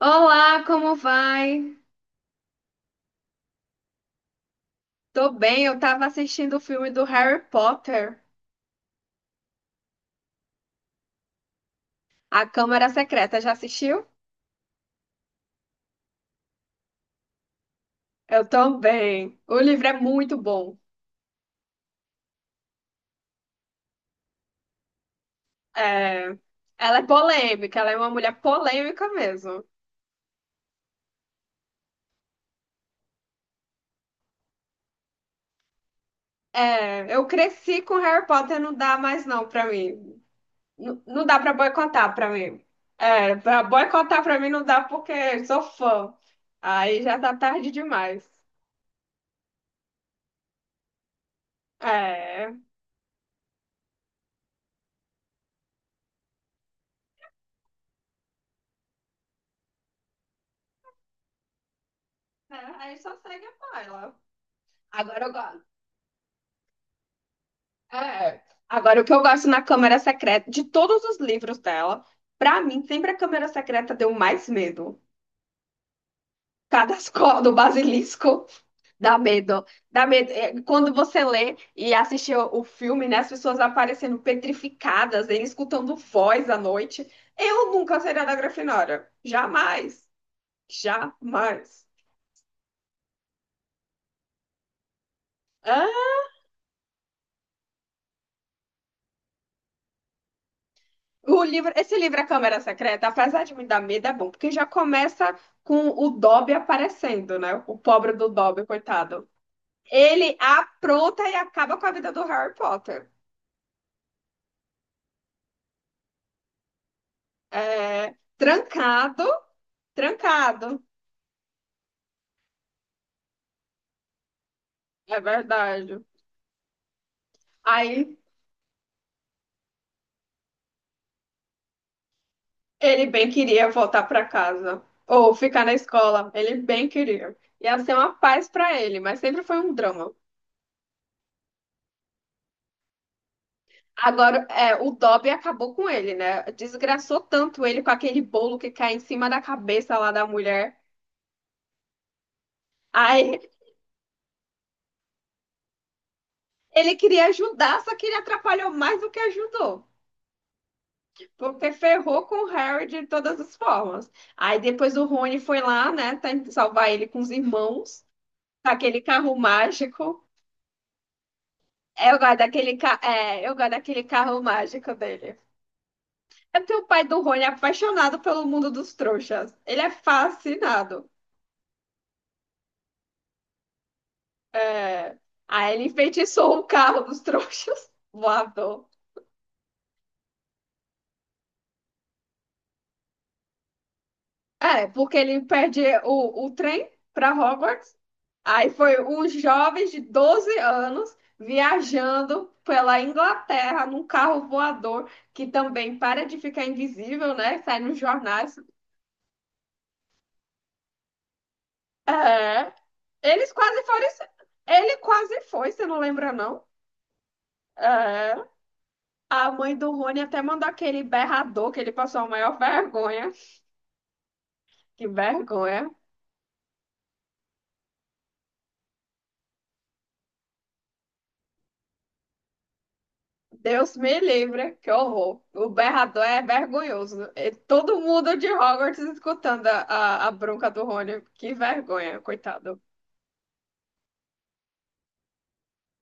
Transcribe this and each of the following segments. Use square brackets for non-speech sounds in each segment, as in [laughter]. Olá, como vai? Tô bem, eu tava assistindo o filme do Harry Potter, A Câmara Secreta. Já assistiu? Eu também. O livro é muito bom. É, ela é polêmica, ela é uma mulher polêmica mesmo. É, eu cresci com Harry Potter, não dá mais não pra mim. Não dá pra boicotar pra mim. É, pra boicotar pra mim não dá porque sou fã. Aí já tá tarde demais. É, é, aí só segue a ela. Agora eu gosto. É. Agora, o que eu gosto na Câmara Secreta, de todos os livros dela, pra mim, sempre a Câmara Secreta deu mais medo. Cadascó [laughs] do Basilisco dá medo. Dá medo. É, quando você lê e assiste o filme, né, as pessoas aparecendo petrificadas, ele escutando voz à noite. Eu nunca seria da Grifinória. Jamais. Jamais. O livro, esse livro, A Câmara Secreta, apesar de me dar medo, é bom, porque já começa com o Dobby aparecendo, né? O pobre do Dobby, coitado. Ele apronta e acaba com a vida do Harry Potter. É, trancado, trancado, é verdade. Aí ele bem queria voltar para casa ou ficar na escola, ele bem queria. Ia ser uma paz para ele, mas sempre foi um drama. Agora, é, o Dobby acabou com ele, né? Desgraçou tanto ele com aquele bolo que cai em cima da cabeça lá da mulher. Aí ele queria ajudar, só que ele atrapalhou mais do que ajudou. Porque ferrou com o Harry de todas as formas. Aí depois o Rony foi lá, né? Tentar salvar ele com os irmãos, com aquele carro mágico. Eu gosto daquele, é, eu gosto daquele carro mágico dele. É porque o pai do Rony é apaixonado pelo mundo dos trouxas. Ele é fascinado. É. Aí ele enfeitiçou o carro dos trouxas, [laughs] voador. É, porque ele perde o trem para Hogwarts. Aí foi um jovem de 12 anos viajando pela Inglaterra num carro voador que também para de ficar invisível, né? Sai nos jornais. É. Eles quase foram. Ele quase foi, você não lembra, não? É. A mãe do Rony até mandou aquele berrador que ele passou a maior vergonha. Que vergonha. Deus me livre, que horror. O berrador é vergonhoso. E todo mundo de Hogwarts escutando a bronca do Rony. Que vergonha, coitado.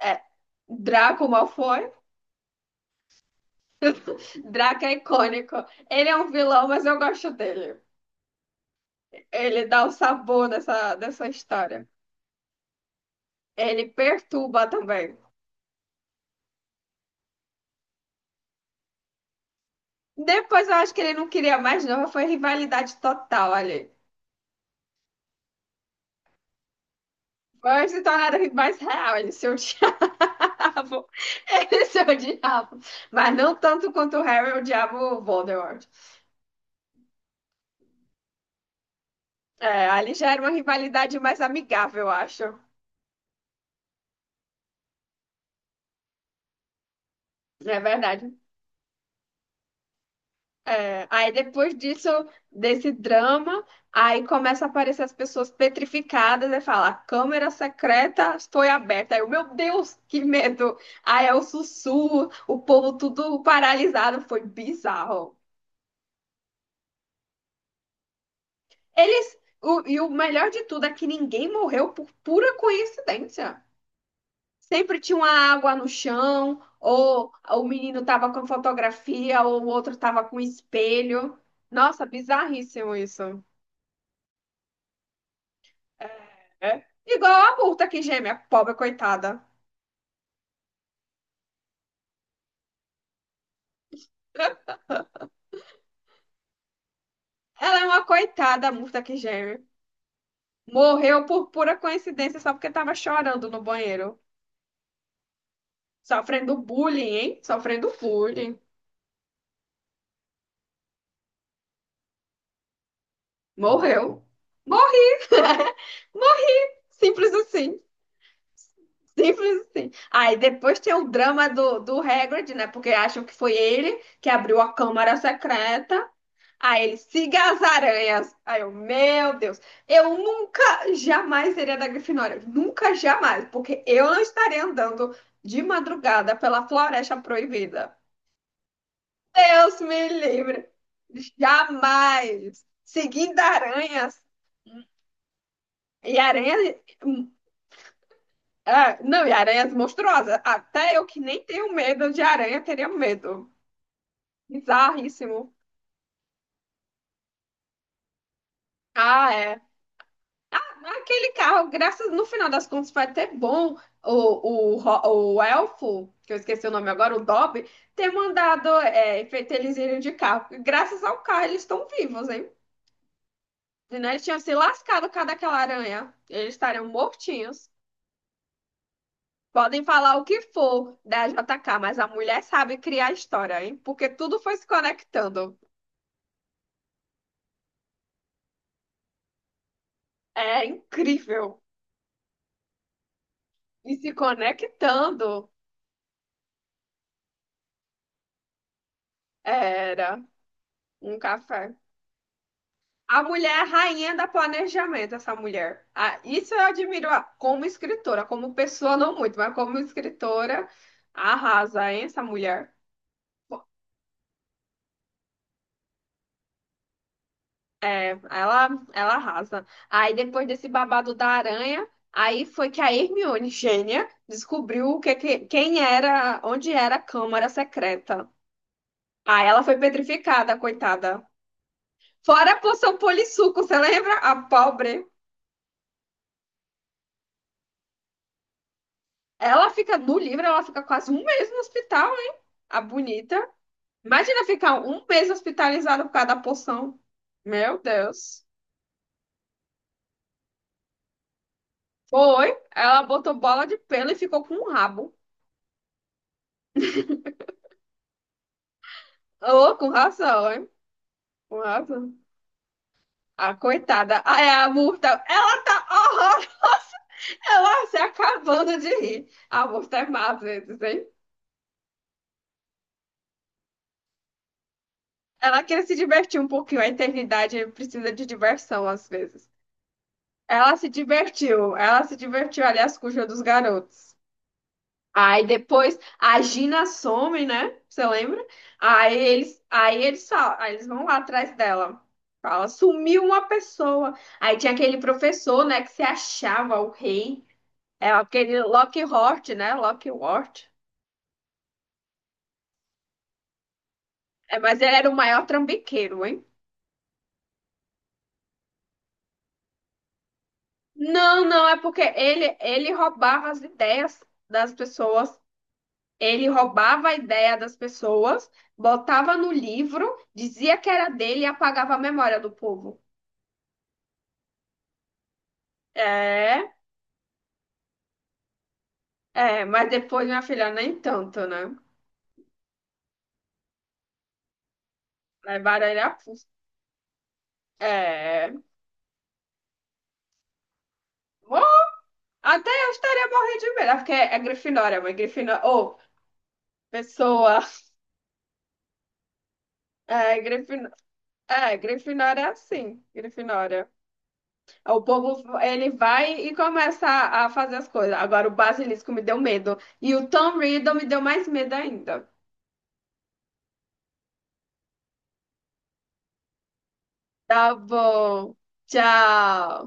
É, Draco Malfoy. Draco é icônico. Ele é um vilão, mas eu gosto dele. Ele dá o sabor dessa história. Ele perturba também. Depois eu acho que ele não queria mais, não. Foi rivalidade total ali. Vai se tornar mais real, ele seu diabo. [laughs] Ele seu diabo. [laughs] Mas não tanto quanto o Harry, odiava o diabo Voldemort. É, ali já era uma rivalidade mais amigável, eu acho. É verdade. É, aí depois disso, desse drama, aí começa a aparecer as pessoas petrificadas e fala, a câmera secreta foi aberta. Aí eu, meu Deus, que medo! Aí é o sussurro, o povo tudo paralisado, foi bizarro. Eles. E o melhor de tudo é que ninguém morreu por pura coincidência. Sempre tinha uma água no chão, ou o menino tava com fotografia, ou o outro tava com espelho. Nossa, bizarríssimo isso. É. Igual a Murta que geme, a pobre coitada. Ela é uma coitada, a Murta que geme. Morreu por pura coincidência só porque tava chorando no banheiro. Sofrendo bullying, hein? Sofrendo bullying. Morreu. Morreu. [laughs] Simples assim. Simples assim. Aí depois tem o drama do, do Hagrid, né? Porque acham que foi ele que abriu a câmara secreta. Aí ele siga as aranhas. Aí eu, meu Deus, eu nunca, jamais seria da Grifinória. Nunca, jamais. Porque eu não estaria andando de madrugada pela Floresta Proibida. Deus me livre. Jamais. Seguindo aranhas. E aranha. Ah, não, e aranhas monstruosas. Até eu que nem tenho medo de aranha, teria medo. Bizarríssimo. Ah, é. Aquele carro, graças no final das contas, vai ter bom o elfo, que eu esqueci o nome agora, o Dobby, ter mandado é, feito eles irem de carro. Porque graças ao carro, eles estão vivos, hein? Senão eles tinham se lascado por causa daquela aranha. Eles estariam mortinhos. Podem falar o que for da JK, mas a mulher sabe criar história, hein? Porque tudo foi se conectando. É incrível. E se conectando, era um café. A mulher é a rainha da planejamento, essa mulher. Ah, isso eu admiro ah, como escritora, como pessoa não muito, mas como escritora, arrasa, hein, essa mulher. Ela arrasa. Aí depois desse babado da aranha, aí foi que a Hermione, gênia, descobriu o que, quem era, onde era a Câmara Secreta. Aí ela foi petrificada, coitada. Fora a poção polissuco, você lembra? A pobre. Ela fica no livro, ela fica quase um mês no hospital, hein? A bonita. Imagina ficar um mês hospitalizada por causa da poção. Meu Deus. Foi. Ela botou bola de pelo e ficou com um rabo. Ô, com razão, hein? Com razão. A coitada. Ah, é a Murta. Ela tá. Horror. Ela se acabando de rir. A Murta é má às vezes, hein? Ela quer se divertir um pouquinho. A eternidade precisa de diversão às vezes. Ela se divertiu, aliás, com o jogo dos garotos. Aí depois a Gina some, né? Você lembra? Aí eles falam, aí eles vão lá atrás dela. Fala, sumiu uma pessoa. Aí tinha aquele professor, né, que se achava o rei. É aquele Lockhart, né? Lockhart. É, mas ele era o maior trambiqueiro, hein? Não, não, é porque ele roubava as ideias das pessoas. Ele roubava a ideia das pessoas, botava no livro, dizia que era dele e apagava a memória do povo. É, é, mas depois, minha filha, nem tanto, né? Levaram ele a pulso. É. Bom, até eu estaria morrendo de medo, porque é Grifinória, mas Grifinória. Ô, pessoa. É, Grifin... é, Grifinória é assim. Grifinória. O povo, ele vai e começa a fazer as coisas. Agora, o Basilisco me deu medo. E o Tom Riddle me deu mais medo ainda. Tá bom. Tchau.